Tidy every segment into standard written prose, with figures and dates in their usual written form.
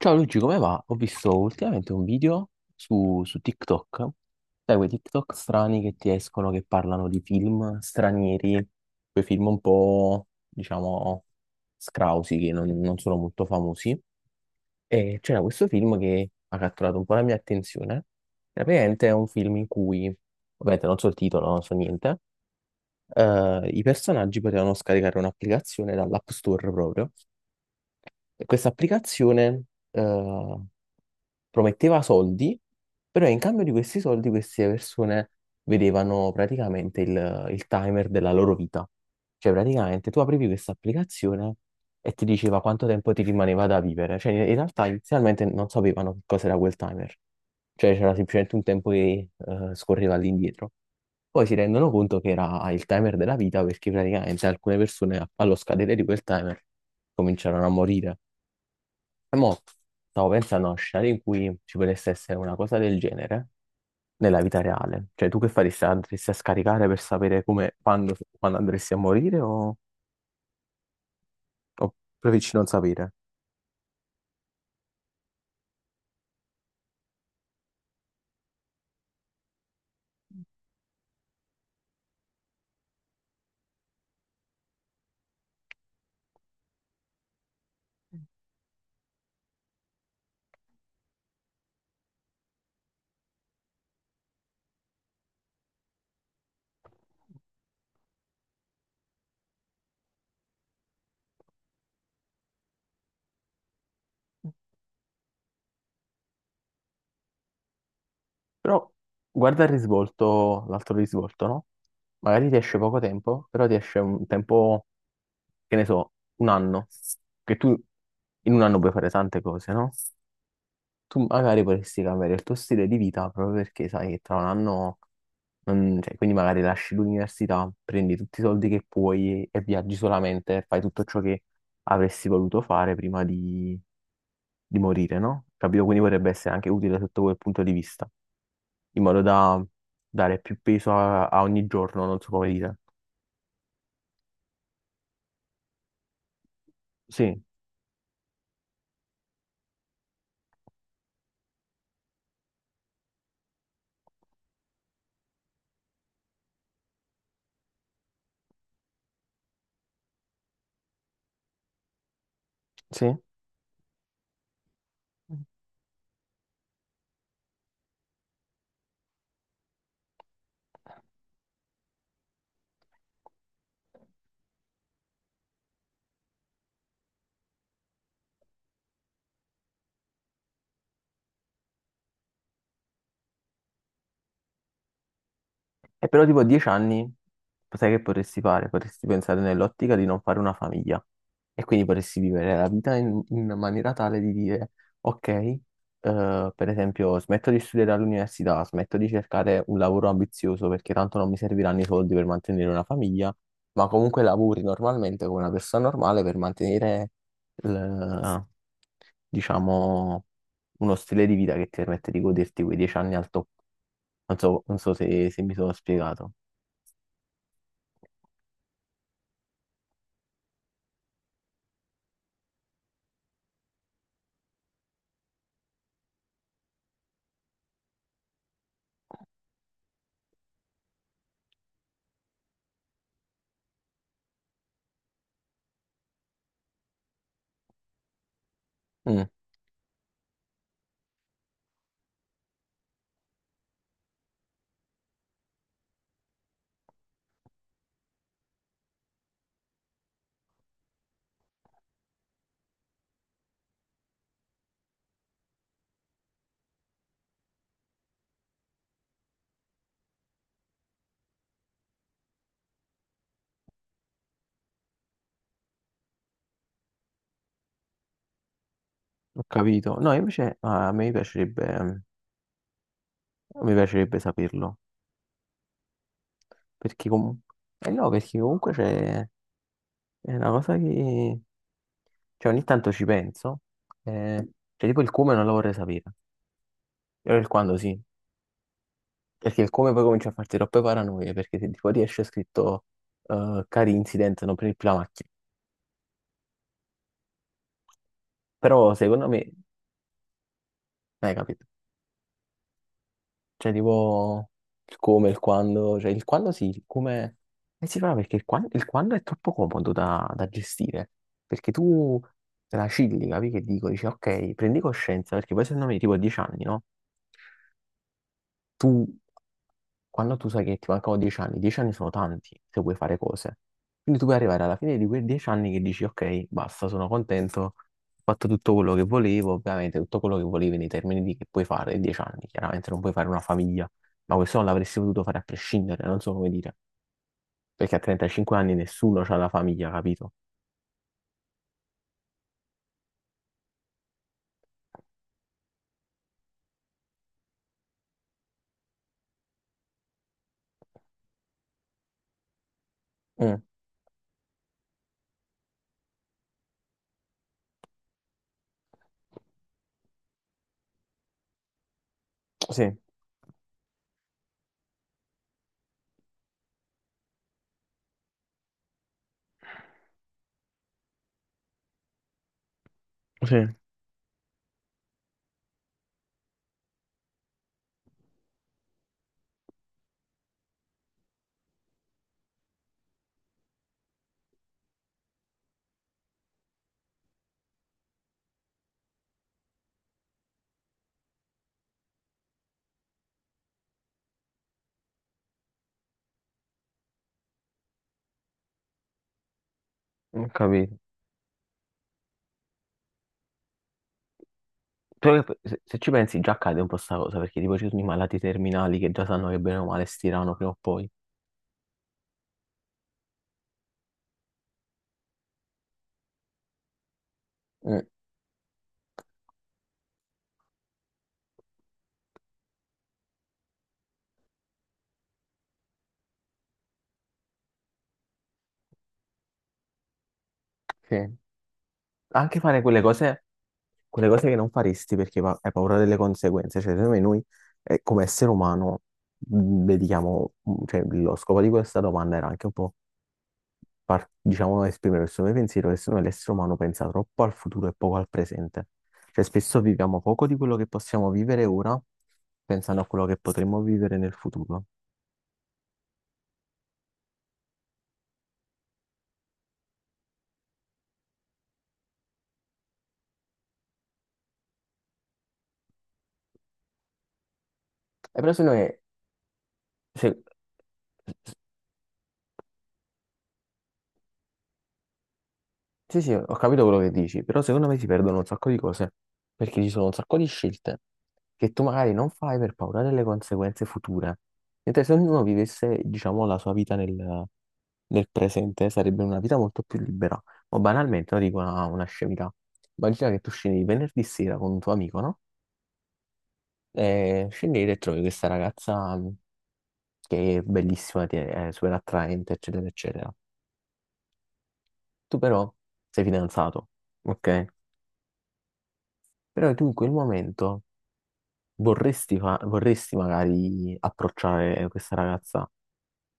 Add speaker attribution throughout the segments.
Speaker 1: Ciao Luigi, come va? Ho visto ultimamente un video su TikTok, sai, quei TikTok strani che ti escono che parlano di film stranieri, quei film un po', diciamo, scrausi che non sono molto famosi. E c'era questo film che ha catturato un po' la mia attenzione. Praticamente è un film in cui, ovviamente non so il titolo, non so niente, i personaggi potevano scaricare un'applicazione dall'App Store proprio. E questa applicazione eh, prometteva soldi, però in cambio di questi soldi queste persone vedevano praticamente il timer della loro vita. Cioè praticamente tu aprivi questa applicazione e ti diceva quanto tempo ti rimaneva da vivere. Cioè in realtà inizialmente non sapevano che cosa era quel timer. Cioè c'era semplicemente un tempo che scorreva all'indietro. Poi si rendono conto che era il timer della vita perché praticamente alcune persone allo scadere di quel timer cominciarono a morire. E mo stavo pensando a uno scenario in cui ci potesse essere una cosa del genere nella vita reale. Cioè, tu che faresti? Andresti a scaricare per sapere come, quando, quando andresti a morire, o preferisci non sapere? Però guarda il risvolto, l'altro risvolto, no? Magari ti esce poco tempo, però ti esce un tempo, che ne so, un anno, che tu in un anno puoi fare tante cose, no? Tu magari potresti cambiare il tuo stile di vita proprio perché sai che tra un anno, cioè, quindi magari lasci l'università, prendi tutti i soldi che puoi e viaggi solamente, fai tutto ciò che avresti voluto fare prima di morire, no? Capito? Quindi potrebbe essere anche utile sotto quel punto di vista, in modo da dare più peso a ogni giorno, non so come dire. Sì, sì. E però tipo a 10 anni, sai che potresti fare? Potresti pensare nell'ottica di non fare una famiglia e quindi potresti vivere la vita in maniera tale di dire, ok, per esempio, smetto di studiare all'università, smetto di cercare un lavoro ambizioso perché tanto non mi serviranno i soldi per mantenere una famiglia, ma comunque lavori normalmente come una persona normale per mantenere, il- diciamo, uno stile di vita che ti permette di goderti quei 10 anni al top. Non so, non so se mi sono spiegato. Mm. Ho capito. No, invece ah, a me piacerebbe, mi piacerebbe saperlo. Perché comunque... Eh no, perché comunque c'è... È una cosa che... Cioè, ogni tanto ci penso. eh, cioè, tipo il come non lo vorrei sapere. Però il quando sì. Perché il come poi comincia a farti troppe paranoie. Perché se tipo ti esce scritto... cari incident, non prendi più la macchina. Però secondo me... capito. Cioè, tipo il come, il quando, cioè il quando sì, il come si fa perché il quando è troppo comodo da gestire, perché tu te la cilli, capi che dico, dici ok, prendi coscienza, perché poi secondo me tipo a 10 anni, no? Tu quando tu sai che ti mancano 10 anni, 10 anni sono tanti se vuoi fare cose. Quindi tu puoi arrivare alla fine di quei 10 anni che dici, ok, basta, sono contento, ho fatto tutto quello che volevo, ovviamente tutto quello che volevi nei termini di che puoi fare in 10 anni, chiaramente non puoi fare una famiglia, ma questo non l'avresti potuto fare a prescindere, non so come dire, perché a 35 anni nessuno ha la famiglia, capito? Mm, sì. Sì, ho capito. Però se ci pensi già accade un po' sta cosa, perché tipo ci sono i malati terminali che già sanno che bene o male stirano prima o poi. Mm, sì. Anche fare quelle cose che non faresti perché hai paura delle conseguenze. Cioè, secondo me noi, come essere umano, dedichiamo, cioè, lo scopo di questa domanda era anche un po', diciamo, esprimere il suo pensiero che secondo me l'essere umano pensa troppo al futuro e poco al presente. Cioè, spesso viviamo poco di quello che possiamo vivere ora, pensando a quello che potremmo vivere nel futuro. E però secondo me, se- sì, sì, ho capito quello che dici, però secondo me si perdono un sacco di cose, perché ci sono un sacco di scelte che tu magari non fai per paura delle conseguenze future. Mentre se ognuno vivesse, diciamo, la sua vita nel presente, sarebbe una vita molto più libera. Ma banalmente, no, dico una scemità. Immagina che tu scendi venerdì sera con un tuo amico, no? E scendete e trovi questa ragazza che è bellissima, è super attraente, eccetera, eccetera. Tu però sei fidanzato, ok? Però tu in quel momento vorresti, vorresti magari approcciare questa ragazza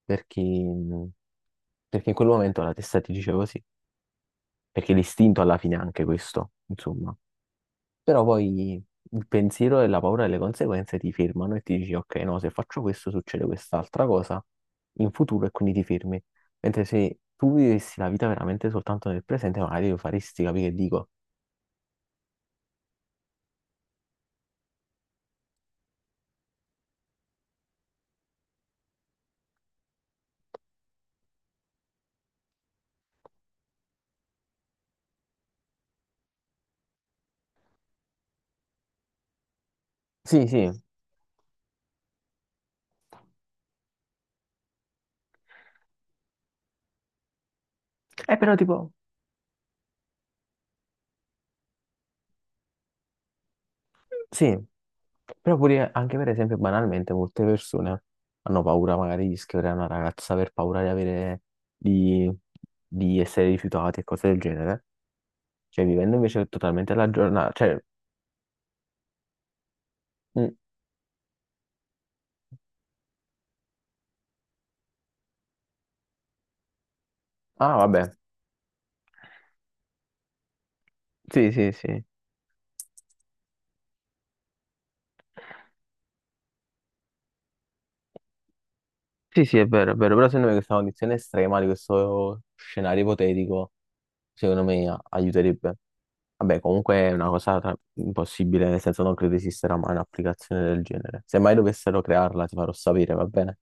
Speaker 1: perché, perché in quel momento la testa ti dice così, perché l'istinto alla fine è anche questo, insomma. Però poi il pensiero e la paura delle conseguenze ti fermano e ti dici, ok, no, se faccio questo succede quest'altra cosa in futuro e quindi ti fermi. Mentre se tu vivessi la vita veramente soltanto nel presente, magari lo faresti, capire che dico? Sì, sì. Però tipo, sì, però pure anche per esempio banalmente molte persone hanno paura magari di scrivere a una ragazza per paura di avere di, di essere rifiutati e cose del genere. Cioè vivendo invece totalmente la giornata, cioè mm, ah vabbè. Sì, sì, sì. Sì, sì, è vero, però secondo me questa condizione estrema di questo scenario ipotetico, secondo me aiuterebbe. Vabbè, comunque è una cosa impossibile, nel senso non credo esista mai un'applicazione del genere. Se mai dovessero crearla, ti farò sapere, va bene?